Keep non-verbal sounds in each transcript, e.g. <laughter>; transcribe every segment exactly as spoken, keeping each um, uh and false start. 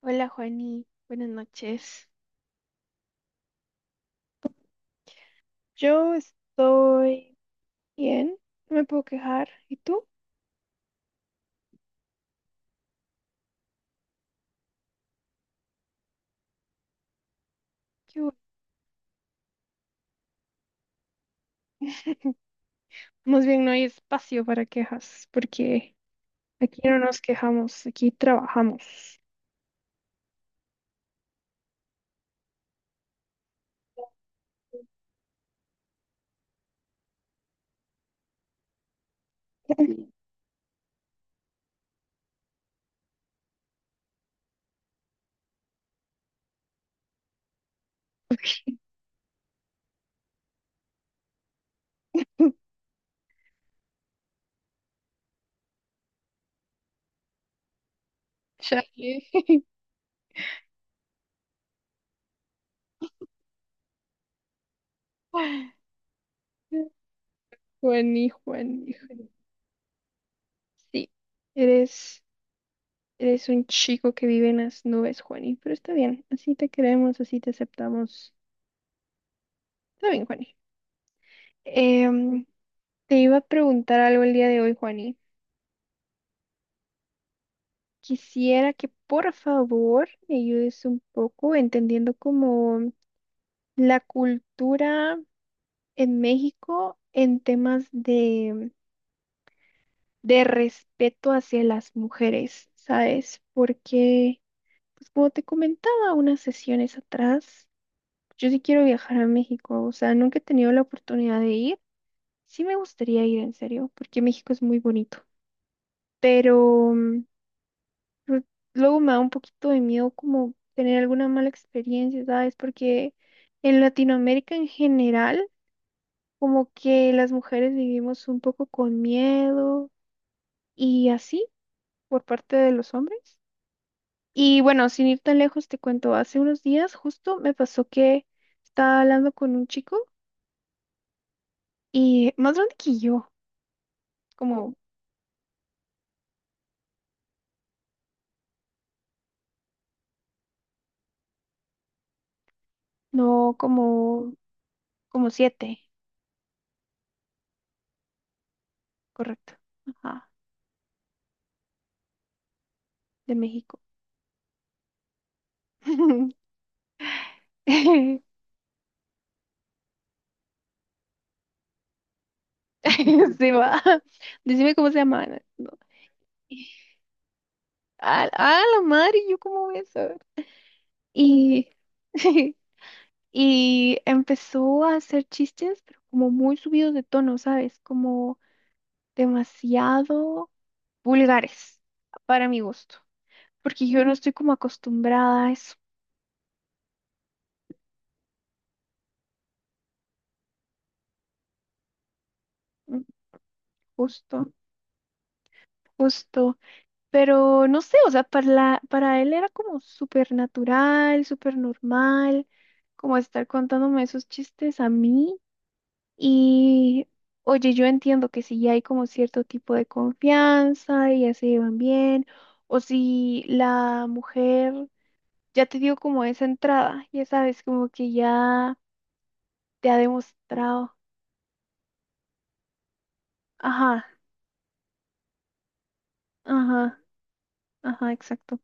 Hola Juani, buenas noches. Yo estoy bien, no me puedo quejar. ¿Y tú? Qué bu- Más bien no hay espacio para quejas, porque aquí no nos quejamos, aquí trabajamos. <laughs> Chale. <laughs> Juani, Juani, Juani. Sí, eres, eres un chico que vive en las nubes, Juani, pero está bien, así te queremos, así te aceptamos. Está bien, Juani. Em, Te iba a preguntar algo el día de hoy, Juani. Quisiera que por favor me ayudes un poco entendiendo como la cultura en México en temas de, de respeto hacia las mujeres, ¿sabes? Porque, pues como te comentaba unas sesiones atrás, yo sí quiero viajar a México, o sea, nunca he tenido la oportunidad de ir. Sí me gustaría ir en serio, porque México es muy bonito, pero Lu- Luego me da un poquito de miedo como tener alguna mala experiencia, ¿sabes? Porque en Latinoamérica en general, como que las mujeres vivimos un poco con miedo y así por parte de los hombres. Y bueno, sin ir tan lejos, te cuento, hace unos días justo me pasó que estaba hablando con un chico y más grande que yo, como, no, como, como siete, correcto, ajá, de México. <laughs> <laughs> Se va. Decime cómo se llama. Ana. No. Ah, ah, la madre, ¿yo cómo voy a saber? Y, <laughs> y empezó a hacer chistes, pero como muy subidos de tono, ¿sabes? Como demasiado vulgares para mi gusto, porque yo no estoy como acostumbrada a eso. Mm, justo, justo. Pero no sé, o sea, para, la- para él era como súper natural, súper normal, como estar contándome esos chistes a mí. Y oye, yo entiendo que si hay como cierto tipo de confianza y ya se llevan bien, o si la mujer ya te dio como esa entrada, ya sabes, como que ya te ha demostrado. Ajá, ajá, ajá, exacto.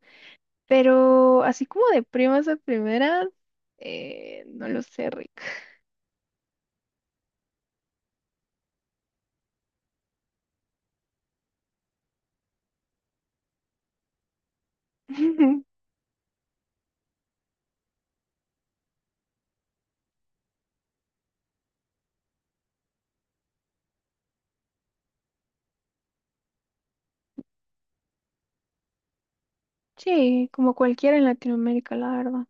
Pero así como de primas a primeras, eh, no lo sé, Rick. <laughs> Sí, como cualquiera en Latinoamérica, la verdad.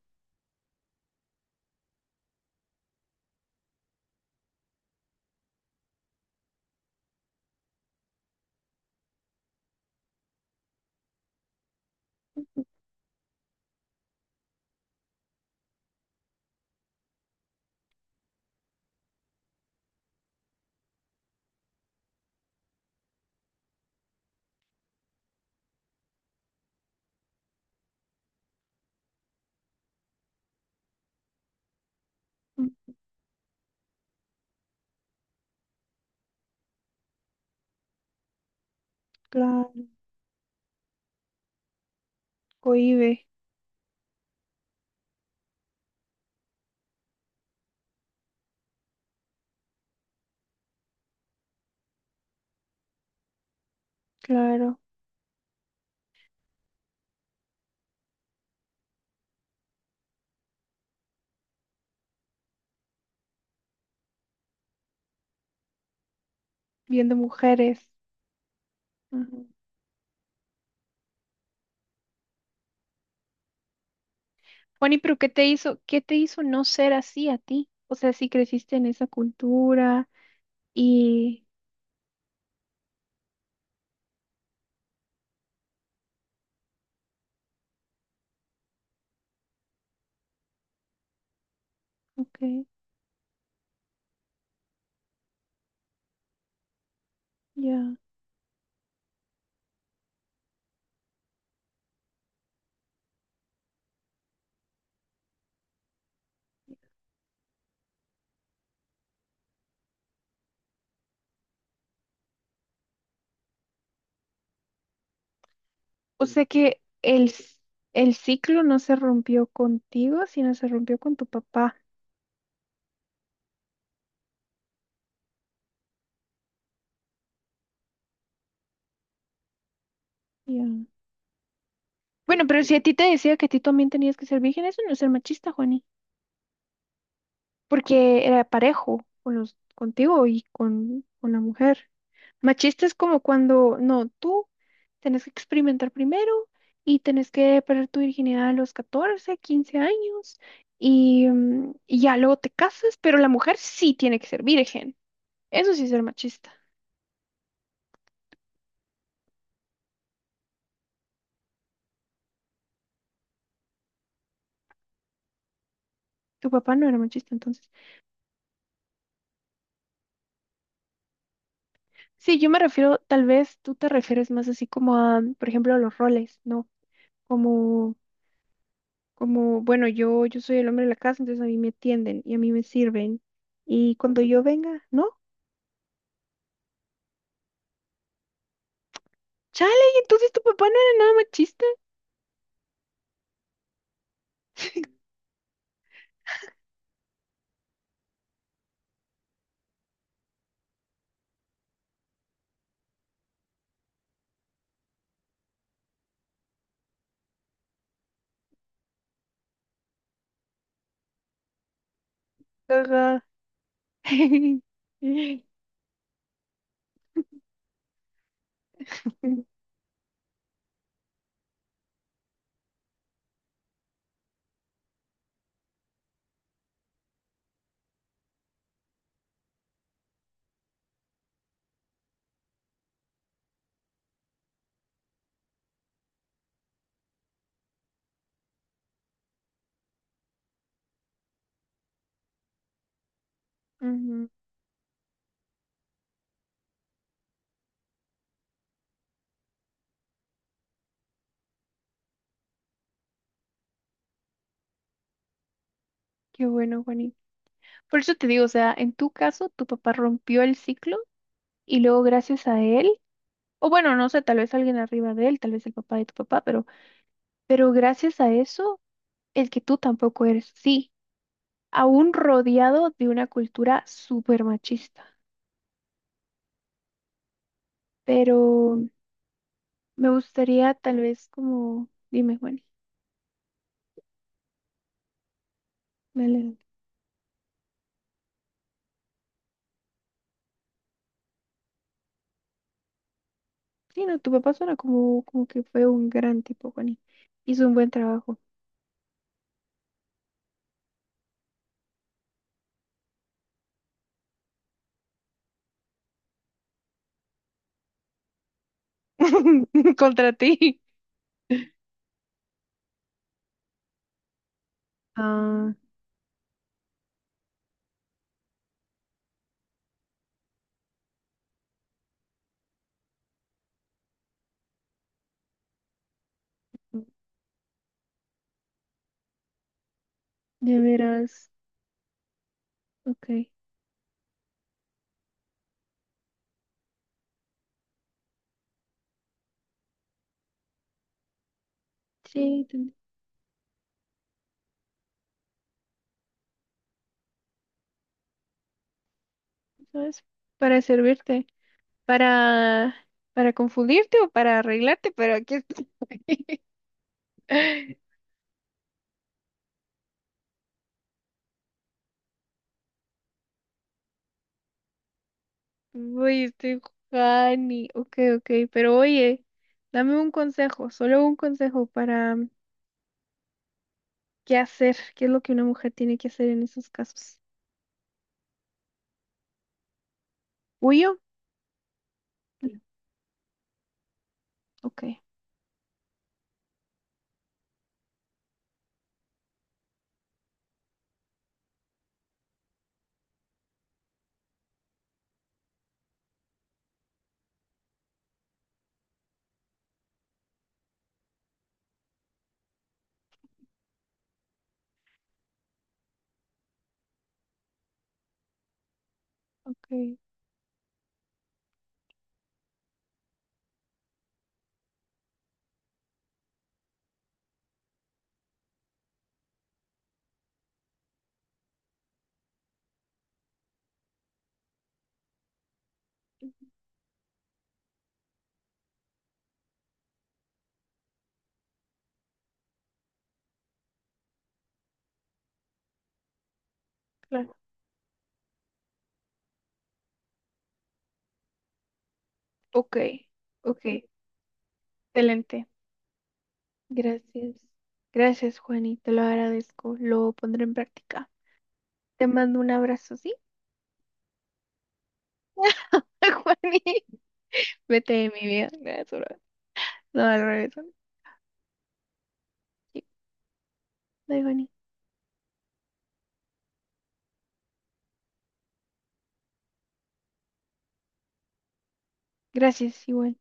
Mm, claro, cohibe, claro, viendo mujeres. Ujú. Juani, pero ¿qué te hizo, qué te hizo no ser así a ti? O sea, si creciste en esa cultura y, ok, ya. O sea que el, c- el ciclo no se rompió contigo, sino se rompió con tu papá. Ya. Bueno, pero si a ti te decía que a ti también tenías que ser virgen, eso no es ser machista, Juani, porque era parejo con los, contigo y con, con la mujer. Machista es como cuando, no, tú tenés que experimentar primero y tenés que perder tu virginidad a los catorce, quince años y, mm, y ya luego te casas, pero la mujer sí tiene que ser virgen. Eso sí es ser machista. Tu papá no era machista, entonces. Sí, yo me refiero, tal vez tú te refieres más así como a, por ejemplo, a los roles, ¿no? Como Como, bueno, yo, yo soy el hombre de la casa, entonces a mí me atienden y a mí me sirven. Y cuando yo venga, ¿no? Chale, ¿y entonces tu papá no era nada machista? Ajá. <laughs> Ujú, qué bueno, Juanín. Por eso te digo, o sea, en tu caso, tu papá rompió el ciclo y luego gracias a él, o bueno, no sé, tal vez alguien arriba de él, tal vez el papá de tu papá, pero, pero gracias a eso, el que tú tampoco eres, sí, aún rodeado de una cultura súper machista. Pero me gustaría tal vez como, dime, Juani. Dale, dale. Sí, no, tu papá suena como, como que fue un gran tipo, Juani. Hizo un buen trabajo. <laughs> Contra ti. Ah, de veras. Ok. Sí, ten- ¿sabes? Para servirte. Para, para confundirte o para arreglarte, pero aquí estoy. <laughs> Uy, estoy Juani. Ok, ok. Pero oye, dame un consejo, solo un consejo para. ¿Qué hacer? ¿Qué es lo que una mujer tiene que hacer en esos casos? ¿Huyo? Sí. Ok, ok, claro. Ok, ok. Excelente. Gracias. Gracias, Juani. Te lo agradezco. Lo pondré en práctica. Te mando un abrazo, ¿sí? <laughs> Juani. Vete de mi vida. Gracias, bro. No, al revés. Sí. Bye, Juani. Gracias, igual.